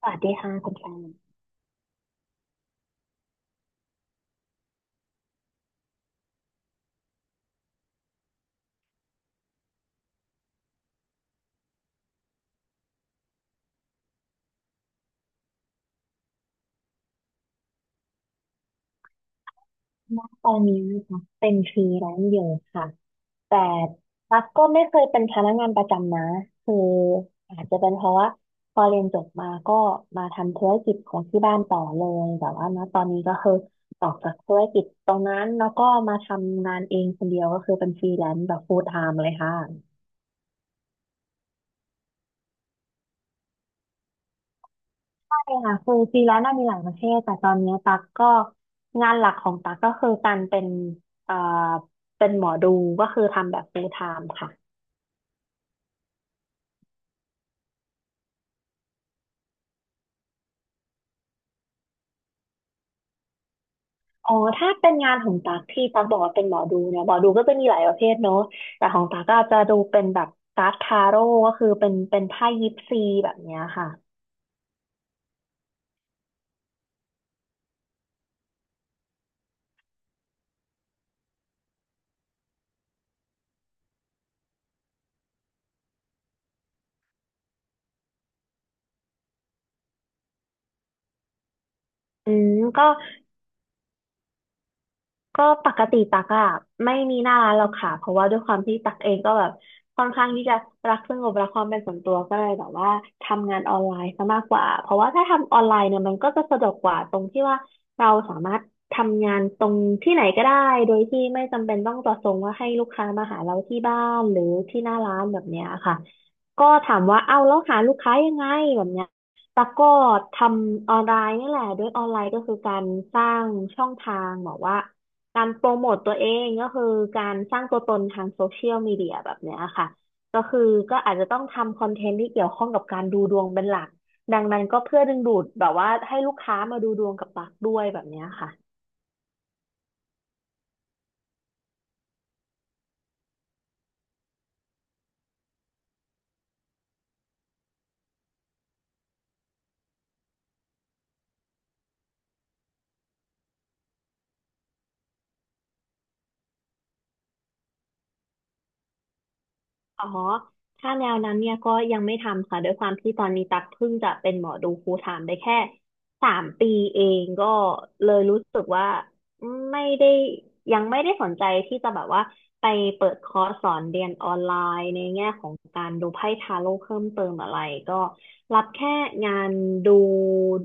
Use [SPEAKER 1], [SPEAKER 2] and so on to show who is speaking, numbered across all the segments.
[SPEAKER 1] สวัสดีค่ะคุณแฟนณตอนนี้นะคะเป็นฟรีแลนซ์อยู่ค่ะแต่ตั๊กก็ไม่เคยเป็นพนักงานประจำนะคืออาจจะเป็นเพราะว่าพอเรียนจบมาก็มาทำธุรกิจของที่บ้านต่อเลยแต่ว่าณตอนนี้ก็คือออกจากธุรกิจตรงนั้นแล้วก็มาทำงานเองคนเดียวก็คือเป็นฟรีแลนซ์แบบ full time เลยค่ะ ใช่ค่ะคือฟรีแลนซ์น่ะมีหลายประเภทแต่ตอนนี้ตักก็งานหลักของตักก็คือการเป็นเอ่อเป็นหมอดูก็คือทำแบบ full time ค่ะอ๋อถ้าเป็นงานของตักที่ตักบอกว่าเป็นหมอดูเนี่ยหมอดูก็จะมีหลายประเภทเนอะแต่ของตักก็จะดูเป็นแบบการ์ดทาโร่ก็คือเป็นไพ่ยิปซีแบบเนี้ยค่ะอืมก็ ก็ปกติตักอะไม่มีหน้าร้านหรอกค่ะเพราะว่าด้วยความที่ตักเองก็แบบค่อนข้างที่จะรักสงบรักความเป็นส่วนตัวก็เลยแบบว่าทำงานออนไลน์ซะมากกว่าเพราะว่าถ้าทำออนไลน์เนี่ยมันก็จะสะดวกกว่าตรงที่ว่าเราสามารถทำงานตรงที่ไหนก็ได้โดยที่ไม่จำเป็นต้องต่อส่งว่าให้ลูกค้ามาหาเราที่บ้านหรือที่หน้าร้านแบบเนี้ยค่ะก็ถามว่าเอ้าแล้วหาลูกค้ายังไงแบบเนี้ยตักก็ทำออนไลน์นี่แหละด้วยออนไลน์ก็คือการสร้างช่องทางบอกว่า การโปรโมตตัวเองก็คือการสร้างตัวตนทางโซเชียลมีเดียแบบเนี้ยค่ะก็คือก็อาจจะต้องทำคอนเทนต์ที่เกี่ยวข้องกับการดูดวงเป็นหลักดังนั้นก็เพื่อดึงดูดแบบว่าให้ลูกค้ามาดูดวงกับปักด้วยแบบเนี้ยค่ะ อ๋อถ้าแนวนั้นเนี่ยก็ยังไม่ทำค่ะด้วยความที่ตอนนี้ตักเพิ่งจะเป็นหมอดูฟูลไทม์ได้แค่3 ปีเองก็เลยรู้สึกว่าไม่ได้ยังไม่ได้สนใจที่จะแบบว่าไปเปิดคอร์สสอนเรียนออนไลน์ในแง่ของการดูไพ่ทาโร่เพิ่มเติมอะไรก็รับแค่งานดู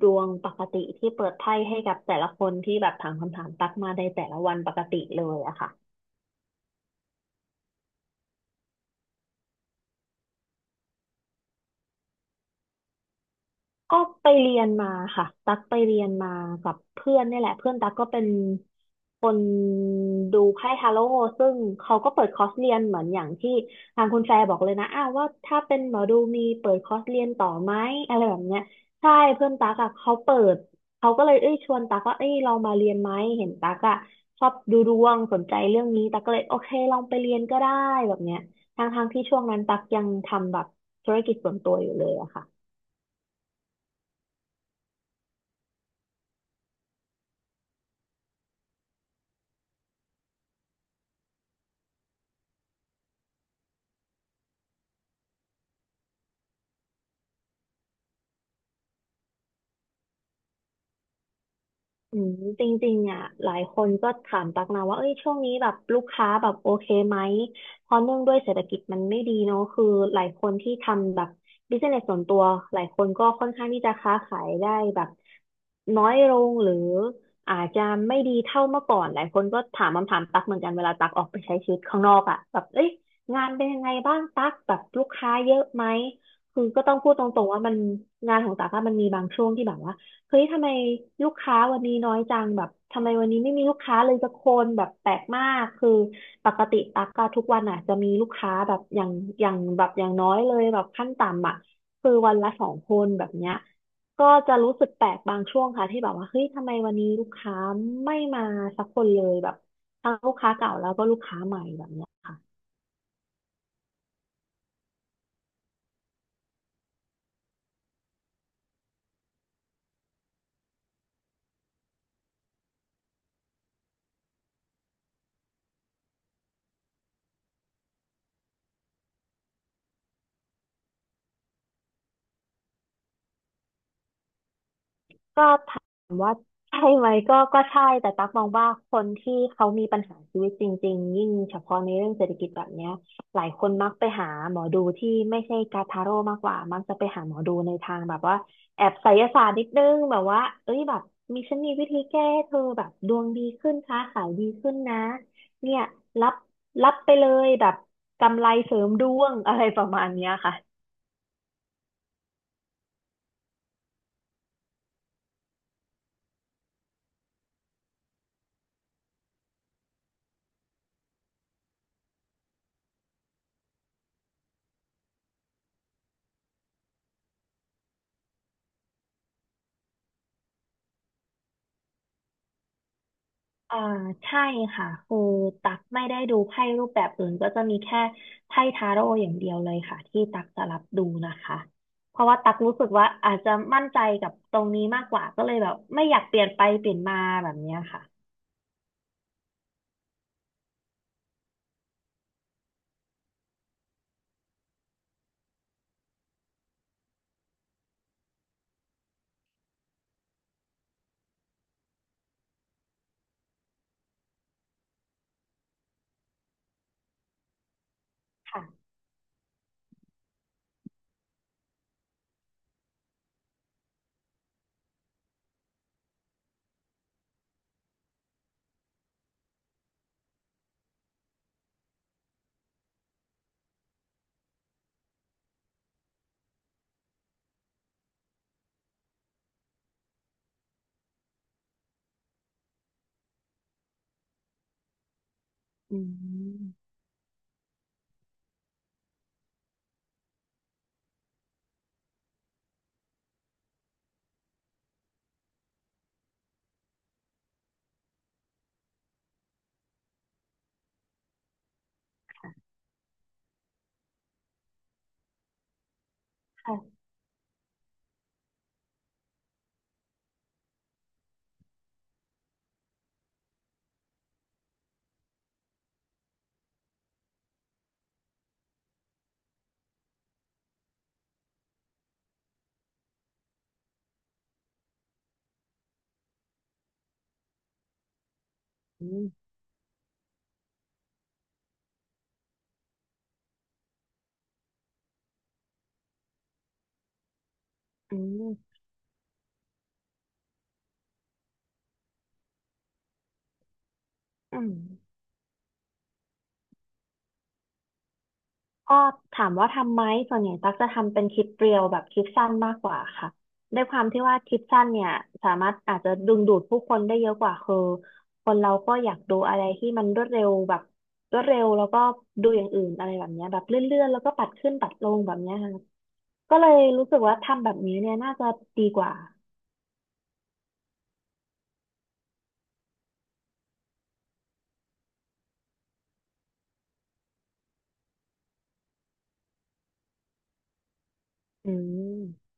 [SPEAKER 1] ดวงปกติที่เปิดไพ่ให้กับแต่ละคนที่แบบถามคำถามตักมาในแต่ละวันปกติเลยอะค่ะ ก็ไปเรียนมาค่ะตักไปเรียนมากับเพื่อนเนี่ยแหละเพื่อนตักก็เป็นคนดูไพ่ทาโร่ซึ่งเขาก็เปิดคอร์สเรียนเหมือนอย่างที่ทางคุณแฟร์บอกเลยนะอ้าวว่าถ้าเป็นหมอดูมีเปิดคอร์สเรียนต่อไหมอะไรแบบเนี้ยใช่เพื่อนตักอะเขาเปิดเขาก็เลยเอ้ยชวนตักว่าเอ้ยลองมาเรียนไหมเห็นตักอะชอบดูดวงสนใจเรื่องนี้ตักก็เลยโอเคลองไปเรียนก็ได้แบบเนี้ยทางทางๆที่ช่วงนั้นตักยังทำแบบธุรกิจส่วนตัวอยู่เลยอะค่ะ อืมจริงๆอ่ะหลายคนก็ถามตักนะว่าเอ้ยช่วงนี้แบบลูกค้าแบบโอเคไหม เพราะเนื่องด้วยเศรษฐกิจมันไม่ดีเนาะคือหลายคนที่ทำแบบบิสเนสส่วนตัวหลายคนก็ค่อนข้างที่จะค้าขายได้แบบน้อยลงหรืออาจจะไม่ดีเท่าเมื่อก่อนหลายคนก็ถามคำถามตักเหมือนกันเวลาตักออกไปใช้ชีวิตข้างนอกอ่ะแบบเอ้ยงานเป็นยังไงบ้างตักแบบลูกค้าเยอะไหมคือก็ต้องพูดตรงๆว่ามันงานของตากอะมันมีบางช่วงที่แบบว่า เฮ้ยทำไมลูกค้าวันนี้น้อยจังแบบทำไมวันนี้ไม่มีลูกค้าเลยสักคนแบบแปลกมาก คือปกติตักก็ทุกวันอ่ะจะมีลูกค้าแบบอย่างอย่างแบบอย่างน้อยเลยแบบขั้นต่ำอ่ะคือวันละสองคนแบบเนี้ยก็จะรู้สึกแปลกบางช่วงค่ะที่แบบว่าเฮ้ยทำไมวันนี้ลูกค้าไม่มาสักคนเลยแบบทั้งลูกค้าเก่าแล้วก็ลูกค้าใหม่แบบเนี้ย ก็ถามว่าใช่ไหมก็ใช่แต่ตั๊กมองว่าคนที่เขามีปัญหาชีวิตจริงๆยิ่งเฉพาะในเรื่องเศรษฐกิจแบบเนี้ยหลายคนมักไปหาหมอดูที่ไม่ใช่กาทาโร่มากกว่ามักจะไปหาหมอดูในทางแบบว่าแอบไสยศาสตร์นิดนึงแบบว่าเอ้ยแบบมีฉันมีวิธีแก้ให้เธอแบบดวงดีขึ้นค้าขายดีขึ้นนะเนี่ยรับรับไปเลยแบบกำไรเสริมดวงอะไรประมาณเนี้ยค่ะ อ่าใช่ค่ะคือตักไม่ได้ดูไพ่รูปแบบอื่นก็จะมีแค่ไพ่ทาโร่อย่างเดียวเลยค่ะที่ตักจะรับดูนะคะเพราะว่าตักรู้สึกว่าอาจจะมั่นใจกับตรงนี้มากกว่าก็เลยแบบไม่อยากเปลี่ยนไปเปลี่ยนมาแบบเนี้ยค่ะค่ะอืมค่ะอืมอืมอืม ก็ถามว่าทำไหมส่วนใหญ่ตั๊กจะทำเป็นคลิปเรียวแบบคลิปสั้นมากกว่าค่ะด้วยความที่ว่าคลิปสั้นเนี่ยสามารถอาจจะดึงดูดผู้คนได้เยอะกว่าคือคนเราก็อยากดูอะไรที่มันรวดเร็วแบบรวดเร็วแล้วก็ดูอย่างอื่นอะไรแบบเนี้ยแบบเลื่อนๆแล้วก็ปัดขึ้นปัดลงแบบเนี้ยค่ะก็เลยรู้สึกว่าทำแบบนี้เนี่ยน่าจะดีกว่าอืม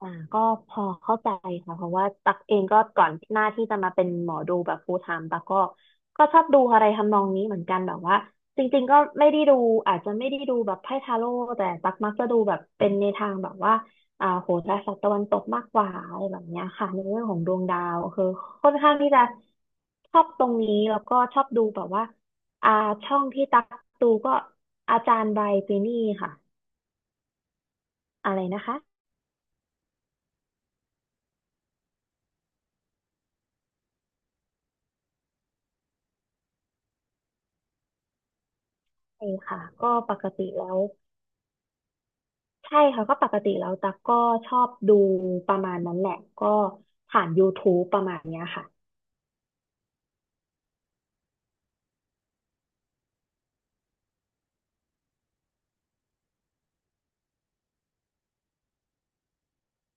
[SPEAKER 1] อ่าก็พอเข้าใจค่ะเพราะว่าตักเองก็ก่อนหน้าที่จะมาเป็นหมอดูแบบ full time ตักก็ชอบดูอะไรทำนองนี้เหมือนกันแบบว่าจริงๆก็ไม่ได้ดูอาจจะไม่ได้ดูแบบไพ่ทาโร่แต่ตักมักจะดูแบบเป็นในทางแบบว่าอ่าโหราศาสตร์ตะวันตกมากกว่าอะไรแบบเนี้ยค่ะในเรื่องของดวงดาวคือค่อนข้างที่จะชอบตรงนี้แล้วก็ชอบดูแบบว่าอ่าช่องที่ตักดูก็อาจารย์ไบรท์ปีนี่ค่ะอะไรนะคะใช่ค่ะก็ปกติแล้ว ใช่ค่ะก็ปกติแล้วตักก็ชอบดูประมาณนั้นแหละก็ผ่าน YouTube ประมาณเนี้ยค่ะ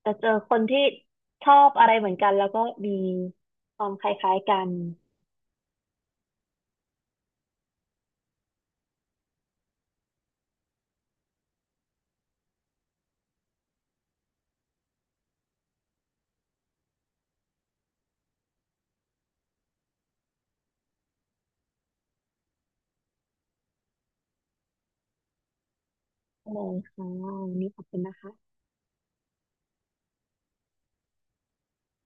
[SPEAKER 1] จะเจอคนที่ชอบอะไรเหมือนกันแล้วก็มีความคล้ายๆกันเลยค่ะวันนี้ขอบคุณนะคะ